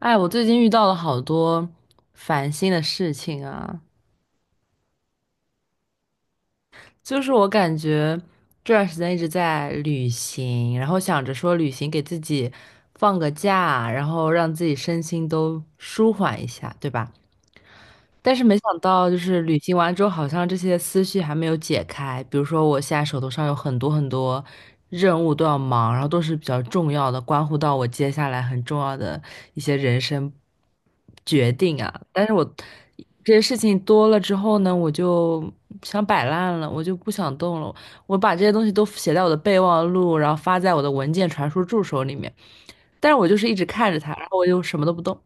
哎，我最近遇到了好多烦心的事情啊，就是我感觉这段时间一直在旅行，然后想着说旅行给自己放个假，然后让自己身心都舒缓一下，对吧？但是没想到，就是旅行完之后，好像这些思绪还没有解开。比如说，我现在手头上有很多很多任务都要忙，然后都是比较重要的，关乎到我接下来很重要的一些人生决定啊。但是我这些事情多了之后呢，我就想摆烂了，我就不想动了。我把这些东西都写在我的备忘录，然后发在我的文件传输助手里面，但是我就是一直看着它，然后我就什么都不动。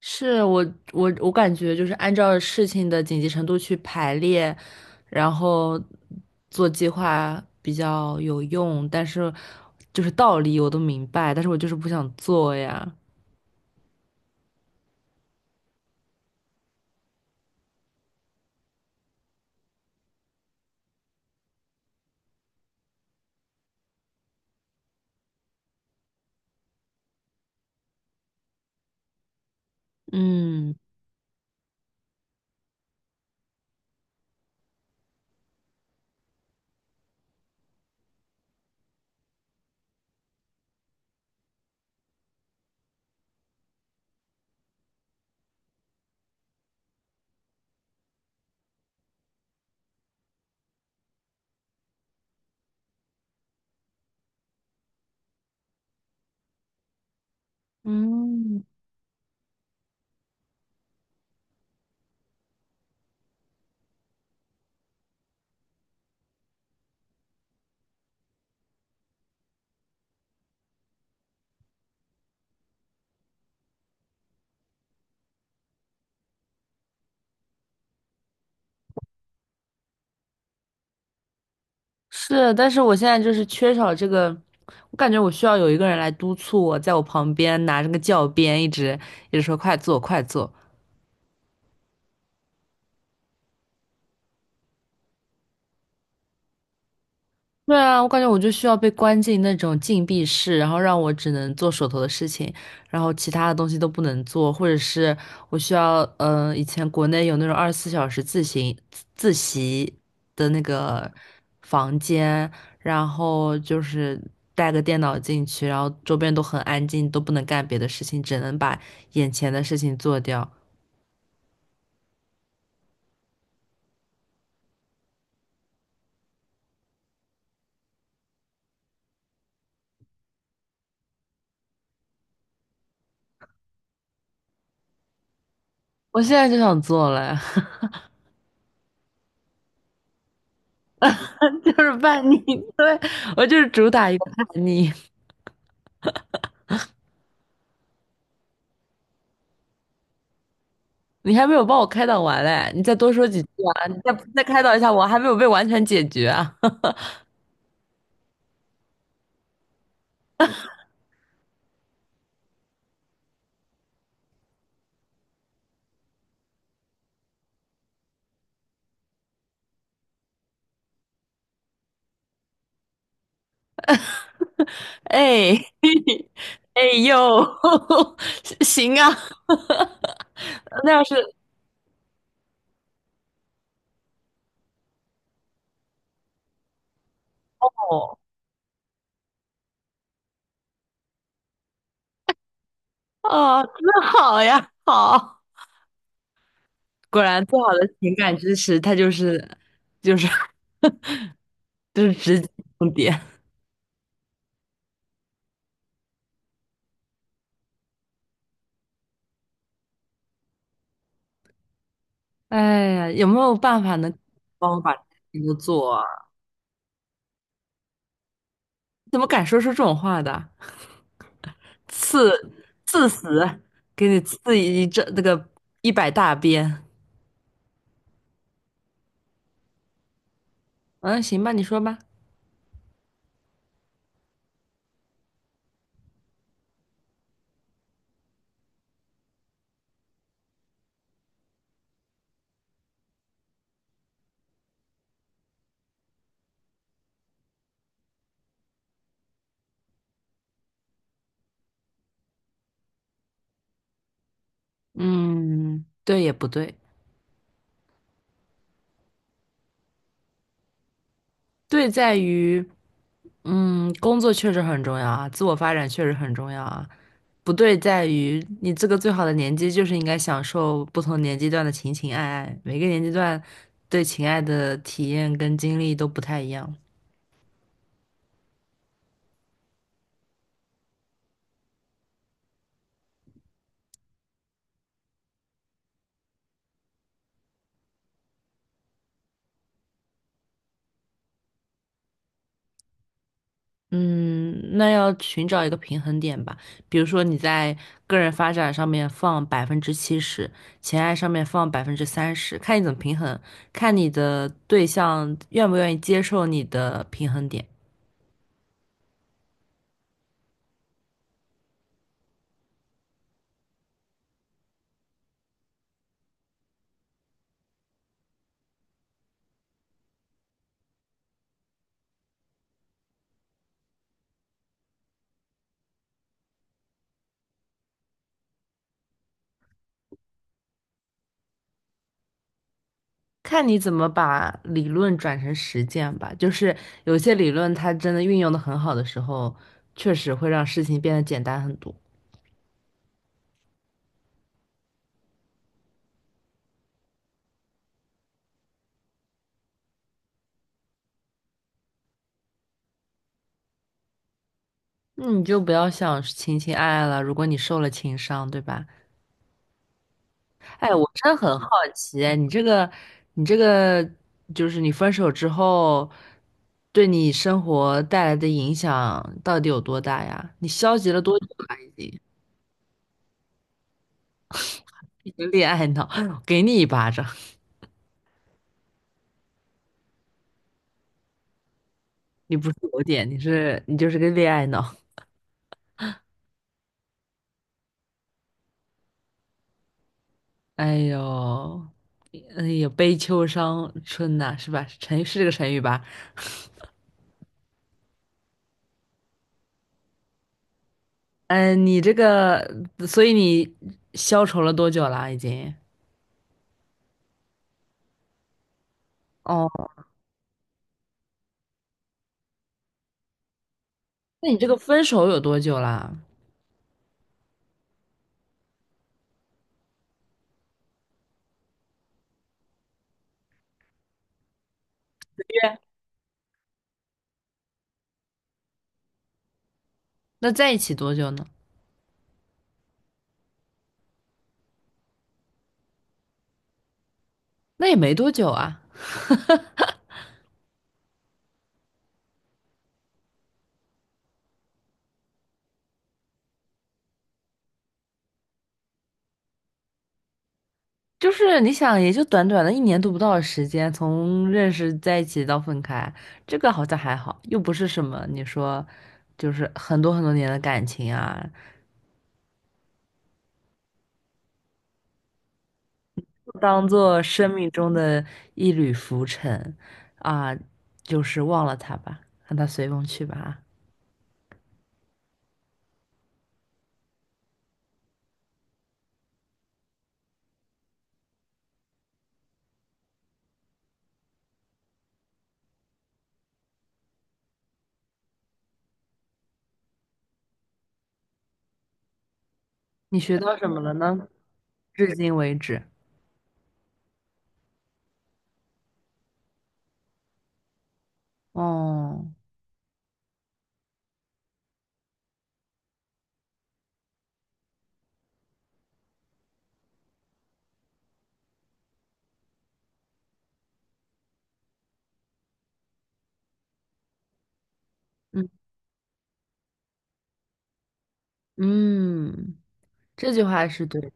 是我感觉就是按照事情的紧急程度去排列，然后做计划比较有用，但是就是道理我都明白，但是我就是不想做呀。嗯嗯，是，但是我现在就是缺少这个，我感觉我需要有一个人来督促我，在我旁边拿着个教鞭，一直一直说快做快做。对啊，我感觉我就需要被关进那种禁闭室，然后让我只能做手头的事情，然后其他的东西都不能做，或者是我需要，以前国内有那种24小时自习自习的那个房间，然后就是带个电脑进去，然后周边都很安静，都不能干别的事情，只能把眼前的事情做掉。我现在就想做了，就是叛逆，对，我就是主打一个叛逆。你还没有帮我开导完嘞，你再多说几句啊！你再开导一下我，还没有被完全解决啊！哎，哎呦，行啊，那要是哦哦，那好呀，好，果然最好的情感支持，它就是 就是直击重点。哎呀，有没有办法能帮我把这些事情都做啊？怎么敢说出这种话的？刺死，给你刺一这那个100大鞭！嗯，行吧，你说吧。嗯，对也不对，对在于，工作确实很重要啊，自我发展确实很重要啊。不对在于，你这个最好的年纪就是应该享受不同年纪段的情情爱爱，每个年纪段对情爱的体验跟经历都不太一样。嗯，那要寻找一个平衡点吧。比如说你在个人发展上面放70%，情爱上面放30%，看你怎么平衡，看你的对象愿不愿意接受你的平衡点，看你怎么把理论转成实践吧。就是有些理论它真的运用的很好的时候，确实会让事情变得简单很多。那你就不要想情情爱爱了，如果你受了情伤，对吧？哎，我真的很好奇哎，你这个，就是你分手之后，对你生活带来的影响到底有多大呀？你消极了多久了？已经，一个恋爱脑，给你一巴掌！你不是有点，你是你就是个恋爱脑。哎呦，哎呦，悲秋伤春呐、是吧？成是这个成语吧？嗯，你这个，所以你消愁了多久啦？已经？哦，那你这个分手有多久啦？约那在一起多久呢？那也没多久啊，就是你想，也就短短的一年都不到的时间，从认识在一起到分开，这个好像还好，又不是什么你说，就是很多很多年的感情啊，当做生命中的一缕浮尘啊，就是忘了他吧，让他随风去吧啊你学到什么了呢？至今为止，哦，嗯嗯，这句话是对的，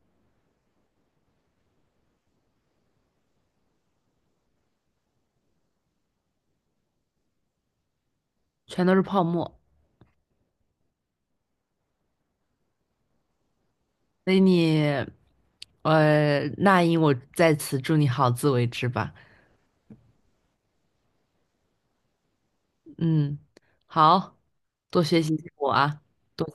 全都是泡沫。所以你，那英，我在此祝你好自为之吧。嗯，好，多学习我啊，多。